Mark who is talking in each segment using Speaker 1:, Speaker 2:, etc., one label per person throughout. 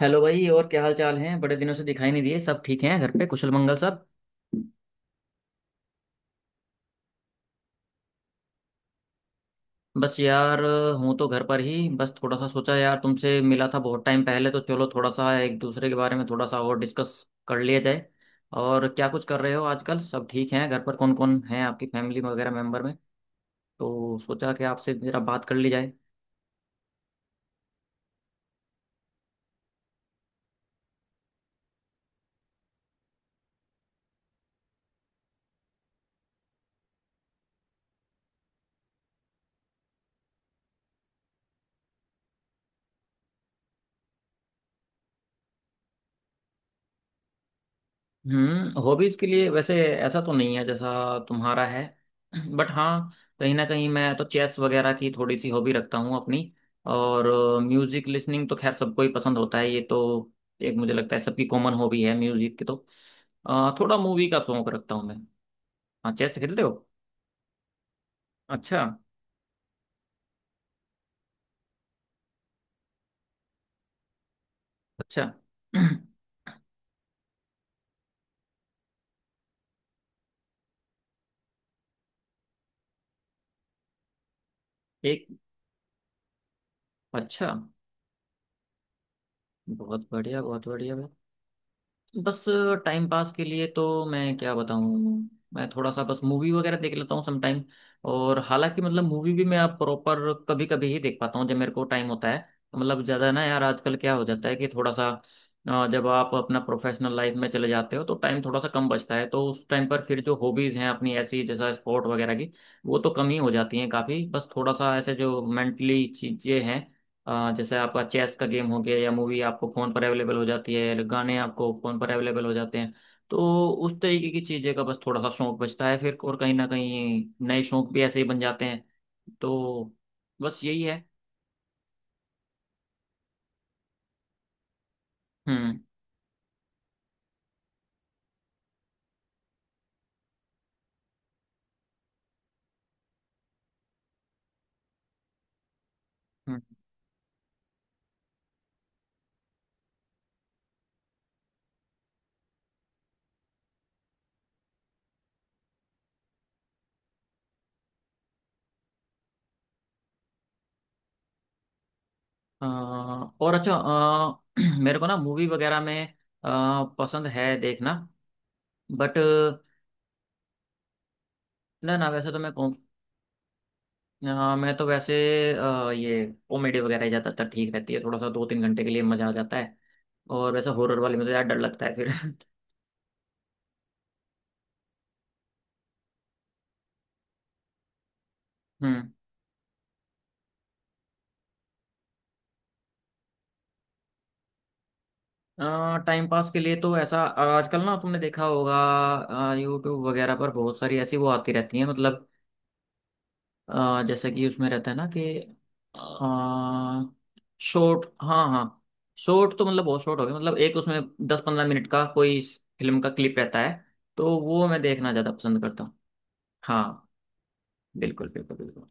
Speaker 1: Hello भाई, और क्या हाल चाल है? बड़े दिनों से दिखाई नहीं दिए। सब ठीक हैं घर पे? कुशल मंगल सब? बस यार, हूँ तो घर पर ही। बस थोड़ा सा सोचा, यार तुमसे मिला था बहुत टाइम पहले, तो चलो थोड़ा सा एक दूसरे के बारे में थोड़ा सा और डिस्कस कर लिया जाए। और क्या कुछ कर रहे हो आजकल? सब ठीक हैं घर पर? कौन कौन है आपकी फैमिली वगैरह मेंबर में? तो सोचा कि आपसे जरा बात कर ली जाए। हम्म, हॉबीज के लिए वैसे ऐसा तो नहीं है जैसा तुम्हारा है। बट हाँ, कहीं ना कहीं मैं तो चेस वगैरह की थोड़ी सी हॉबी रखता हूँ अपनी। और म्यूजिक लिसनिंग तो खैर सबको ही पसंद होता है, ये तो एक मुझे लगता है सबकी कॉमन हॉबी है म्यूजिक की। तो थोड़ा मूवी का शौक रखता हूँ मैं। हाँ, चेस खेलते हो? अच्छा। अच्छा। एक अच्छा। बहुत बढ़िया, बहुत बढ़िया। बस, टाइम पास के लिए तो मैं क्या बताऊँ। मैं थोड़ा सा बस मूवी वगैरह देख लेता हूँ समटाइम। और हालांकि मतलब मूवी भी मैं आप प्रॉपर कभी कभी ही देख पाता हूँ जब मेरे को टाइम होता है। तो मतलब ज़्यादा ना यार, आजकल क्या हो जाता है कि थोड़ा सा जब आप अपना प्रोफेशनल लाइफ में चले जाते हो तो टाइम थोड़ा सा कम बचता है, तो उस टाइम पर फिर जो हॉबीज़ हैं अपनी ऐसी जैसा स्पोर्ट वगैरह की, वो तो कम ही हो जाती हैं काफ़ी। बस थोड़ा सा ऐसे जो मेंटली चीज़ें हैं, जैसे आपका चेस का गेम हो गया, या मूवी आपको फ़ोन पर अवेलेबल हो जाती है, गाने आपको फ़ोन पर अवेलेबल हो जाते हैं, तो उस तरीके की चीज़ें का बस थोड़ा सा शौक बचता है फिर। और कहीं ना कहीं नए शौक भी ऐसे ही बन जाते हैं। तो बस यही है। हम्म। हम्म। अ, और अच्छा, मेरे को ना मूवी वगैरह में पसंद है देखना, बट ना ना, वैसे तो मैं मैं तो वैसे ये कॉमेडी वगैरह ही ज़्यादातर ठीक रहती है, थोड़ा सा 2-3 घंटे के लिए मज़ा आ जाता है। और वैसा हॉरर वाले में तो यार डर लगता है फिर। हम्म। टाइम पास के लिए तो ऐसा, आजकल ना तुमने देखा होगा यूट्यूब वगैरह पर बहुत सारी ऐसी वो आती रहती है, मतलब जैसे कि उसमें रहता है ना कि शॉर्ट, हाँ हाँ। शॉर्ट तो मतलब बहुत शॉर्ट हो गया, मतलब एक उसमें 10-15 मिनट का कोई फिल्म का क्लिप रहता है, तो वो मैं देखना ज़्यादा पसंद करता हूँ। हाँ, बिल्कुल बिल्कुल बिल्कुल।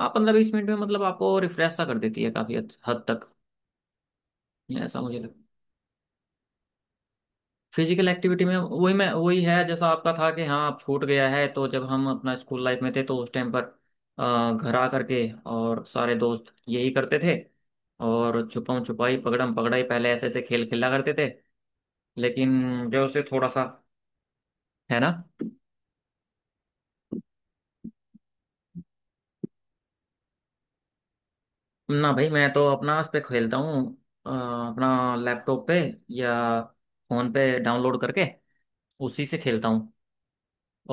Speaker 1: हाँ, 15-20 मिनट में मतलब आपको रिफ्रेश सा कर देती है काफ़ी हद हद तक, ऐसा मुझे लगता है। फिजिकल एक्टिविटी में वही, मैं वही है जैसा आपका था कि हाँ आप छूट गया है। तो जब हम अपना स्कूल लाइफ में थे तो उस टाइम पर घर आ करके और सारे दोस्त यही करते थे, और छुपम छुपाई, पकड़म पकड़ाई, पहले ऐसे ऐसे खेल खेला करते थे। लेकिन जो उसे थोड़ा सा है ना। ना भाई, मैं तो अपना उस पे खेलता हूँ, अपना लैपटॉप पे या फोन पे डाउनलोड करके, उसी से खेलता हूँ।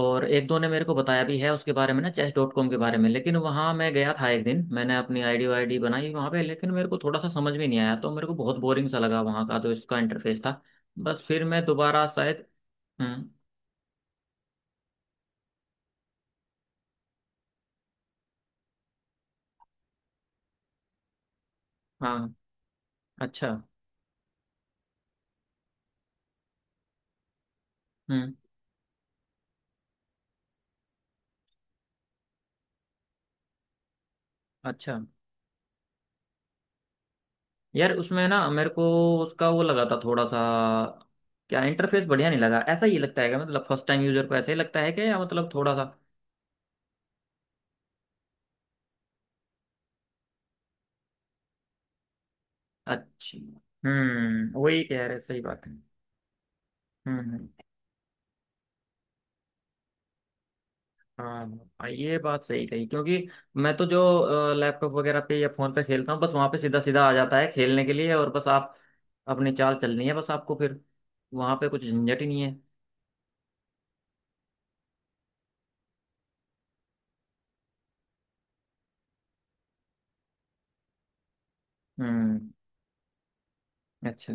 Speaker 1: और एक दो ने मेरे को बताया भी है उसके बारे में ना, चेस डॉट कॉम के बारे में। लेकिन वहाँ मैं गया था एक दिन, मैंने अपनी आईडी वाईडी बनाई वहाँ पे, लेकिन मेरे को थोड़ा सा समझ में नहीं आया, तो मेरे को बहुत बोरिंग सा लगा वहाँ का जो इसका इंटरफेस था। बस फिर मैं दोबारा शायद। हम्म। हाँ। अच्छा। हम्म। अच्छा। यार उसमें ना मेरे को उसका वो लगा था थोड़ा सा, क्या इंटरफेस बढ़िया नहीं लगा, ऐसा ही लगता है क्या? मतलब फर्स्ट टाइम यूजर को ऐसा ही लगता है क्या, या मतलब थोड़ा सा। अच्छा। हम्म, वही कह रहे, सही बात है। हम्म। हम्म। हाँ, ये बात सही कही क्योंकि मैं तो जो लैपटॉप वगैरह पे या फोन पे खेलता हूँ, बस वहां पे सीधा सीधा आ जाता है खेलने के लिए, और बस आप अपनी चाल चलनी है बस आपको फिर, वहां पे कुछ झंझट ही नहीं है। हम्म। अच्छा।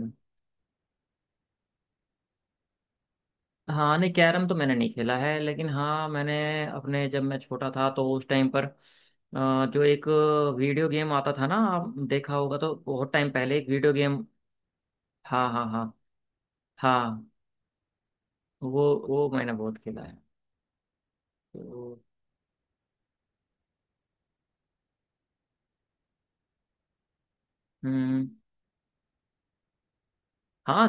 Speaker 1: हाँ, नहीं, कैरम तो मैंने नहीं खेला है, लेकिन हाँ मैंने अपने जब मैं छोटा था तो उस टाइम पर जो एक वीडियो गेम आता था ना, आप देखा होगा, तो बहुत टाइम पहले एक वीडियो गेम। हाँ हाँ हाँ। हाँ, वो मैंने बहुत खेला है। तो हम्म। हाँ।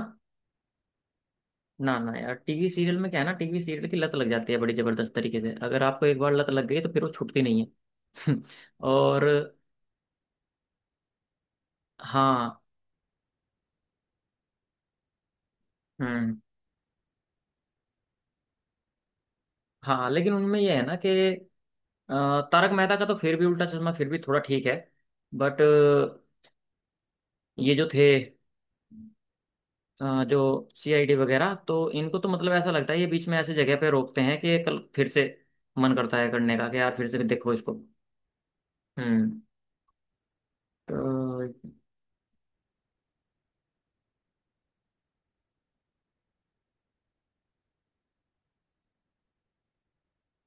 Speaker 1: ना ना यार, टीवी सीरियल में क्या है ना, टीवी सीरियल की लत लग जाती है बड़ी जबरदस्त तरीके से, अगर आपको एक बार लत लग गई तो फिर वो छूटती नहीं है। और हाँ। हम्म। हाँ, लेकिन उनमें यह है ना कि तारक मेहता का तो फिर भी उल्टा चश्मा फिर भी थोड़ा ठीक है। बट ये जो थे जो सीआईडी वगैरह, तो इनको तो मतलब ऐसा लगता है ये बीच में ऐसे जगह पे रोकते हैं कि कल फिर से मन करता है करने का कि यार फिर से भी देखो इसको। हम्म। तो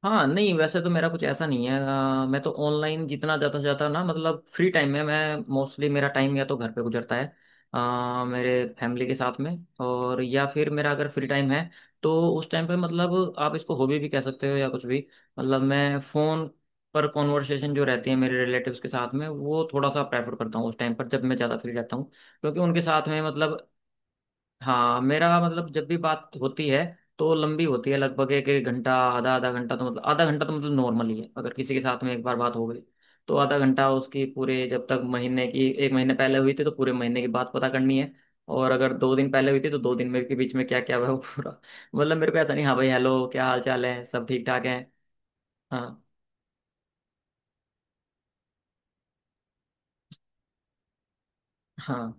Speaker 1: हाँ, नहीं वैसे तो मेरा कुछ ऐसा नहीं है। मैं तो ऑनलाइन जितना ज़्यादा से ज़्यादा ना, मतलब फ्री टाइम में, मैं मोस्टली मेरा टाइम या तो घर पे गुजरता है, मेरे फैमिली के साथ में। और या फिर मेरा अगर फ्री टाइम है, तो उस टाइम पे, मतलब आप इसको हॉबी भी कह सकते हो या कुछ भी, मतलब मैं फ़ोन पर कॉन्वर्सेशन जो रहती है मेरे रिलेटिव्स के साथ में, वो थोड़ा सा प्रेफर करता हूँ उस टाइम पर जब मैं ज़्यादा फ्री रहता हूँ। क्योंकि उनके साथ में मतलब, हाँ मेरा मतलब जब भी बात होती है तो लंबी होती है, लगभग एक एक घंटा, आधा आधा घंटा, तो मतलब आधा घंटा तो मतलब नॉर्मल ही है अगर किसी के साथ में एक बार बात हो गई तो। आधा घंटा उसकी पूरे जब तक महीने की, एक महीने पहले हुई थी तो पूरे महीने की बात पता करनी है, और अगर 2 दिन पहले हुई थी तो 2 दिन में के बीच में क्या क्या हुआ है वो पूरा। मतलब मेरे को ऐसा नहीं, हाँ भाई हेलो क्या हाल चाल है सब ठीक ठाक है। हाँ हाँ।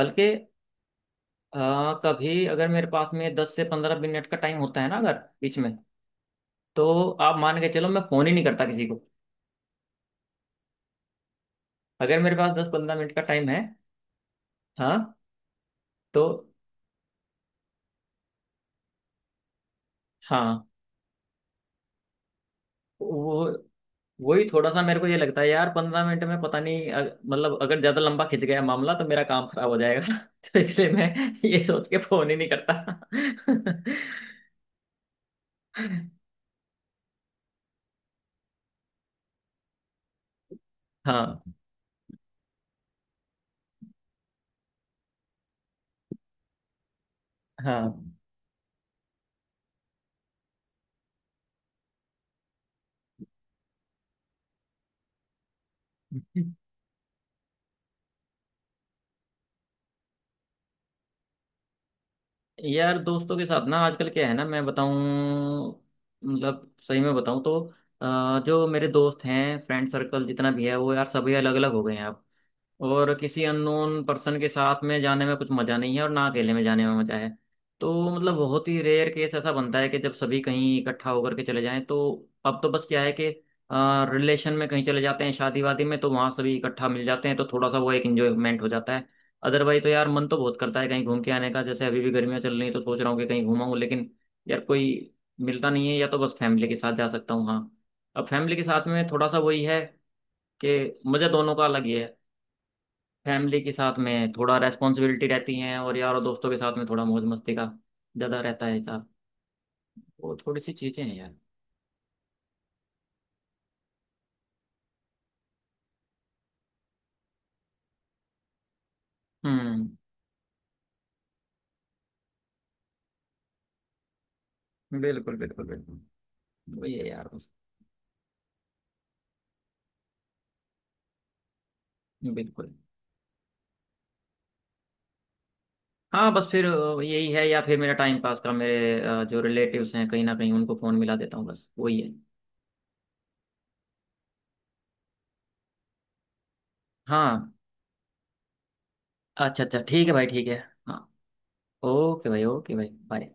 Speaker 1: बल्कि कभी अगर मेरे पास में 10 से 15 मिनट का टाइम होता है ना, अगर बीच में, तो आप मान के चलो मैं फोन ही नहीं करता किसी को, अगर मेरे पास 10-15 मिनट का टाइम है। हाँ। तो। हाँ। वो वही थोड़ा सा मेरे को ये लगता है यार 15 मिनट में पता नहीं मतलब अगर ज्यादा लंबा खिंच गया मामला तो मेरा काम खराब हो जाएगा। तो इसलिए मैं ये सोच के फोन ही नहीं करता। हाँ हाँ। यार दोस्तों के साथ ना आजकल क्या है ना, मैं बताऊं मतलब सही में बताऊं तो, जो मेरे दोस्त हैं फ्रेंड सर्कल जितना भी है, वो यार सभी अलग अलग हो गए हैं अब। और किसी अननोन पर्सन के साथ में जाने में कुछ मज़ा नहीं है, और ना अकेले में जाने में मज़ा है। तो मतलब बहुत ही रेयर केस ऐसा बनता है कि जब सभी कहीं इकट्ठा होकर के चले जाएं तो। अब तो बस क्या है कि रिलेशन में कहीं चले जाते हैं, शादी वादी में, तो वहाँ सभी इकट्ठा मिल जाते हैं, तो थोड़ा सा वो एक इंजॉयमेंट हो जाता है। अदरवाइज तो यार मन तो बहुत करता है कहीं घूम के आने का, जैसे अभी भी गर्मियाँ चल रही हैं तो सोच रहा हूँ कि कहीं घूमाऊँ, लेकिन यार कोई मिलता नहीं है, या तो बस फैमिली के साथ जा सकता हूँ। हाँ, अब फैमिली के साथ में थोड़ा सा वही है कि मज़ा दोनों का अलग ही है। फैमिली के साथ में थोड़ा रेस्पॉन्सिबिलिटी रहती हैं, और यार और दोस्तों के साथ में थोड़ा मौज मस्ती का ज़्यादा रहता है यार। वो थोड़ी सी चीज़ें हैं यार। हम्म। बिल्कुल बिल्कुल बिल्कुल। वही है यार बस। बिल्कुल। हाँ, बस फिर यही है, या फिर मेरा टाइम पास का, मेरे जो रिलेटिव्स हैं कहीं ना कहीं उनको फ़ोन मिला देता हूँ, बस वही है। हाँ, अच्छा अच्छा, ठीक है भाई, ठीक है। हाँ, ओके भाई, ओके भाई, बाय।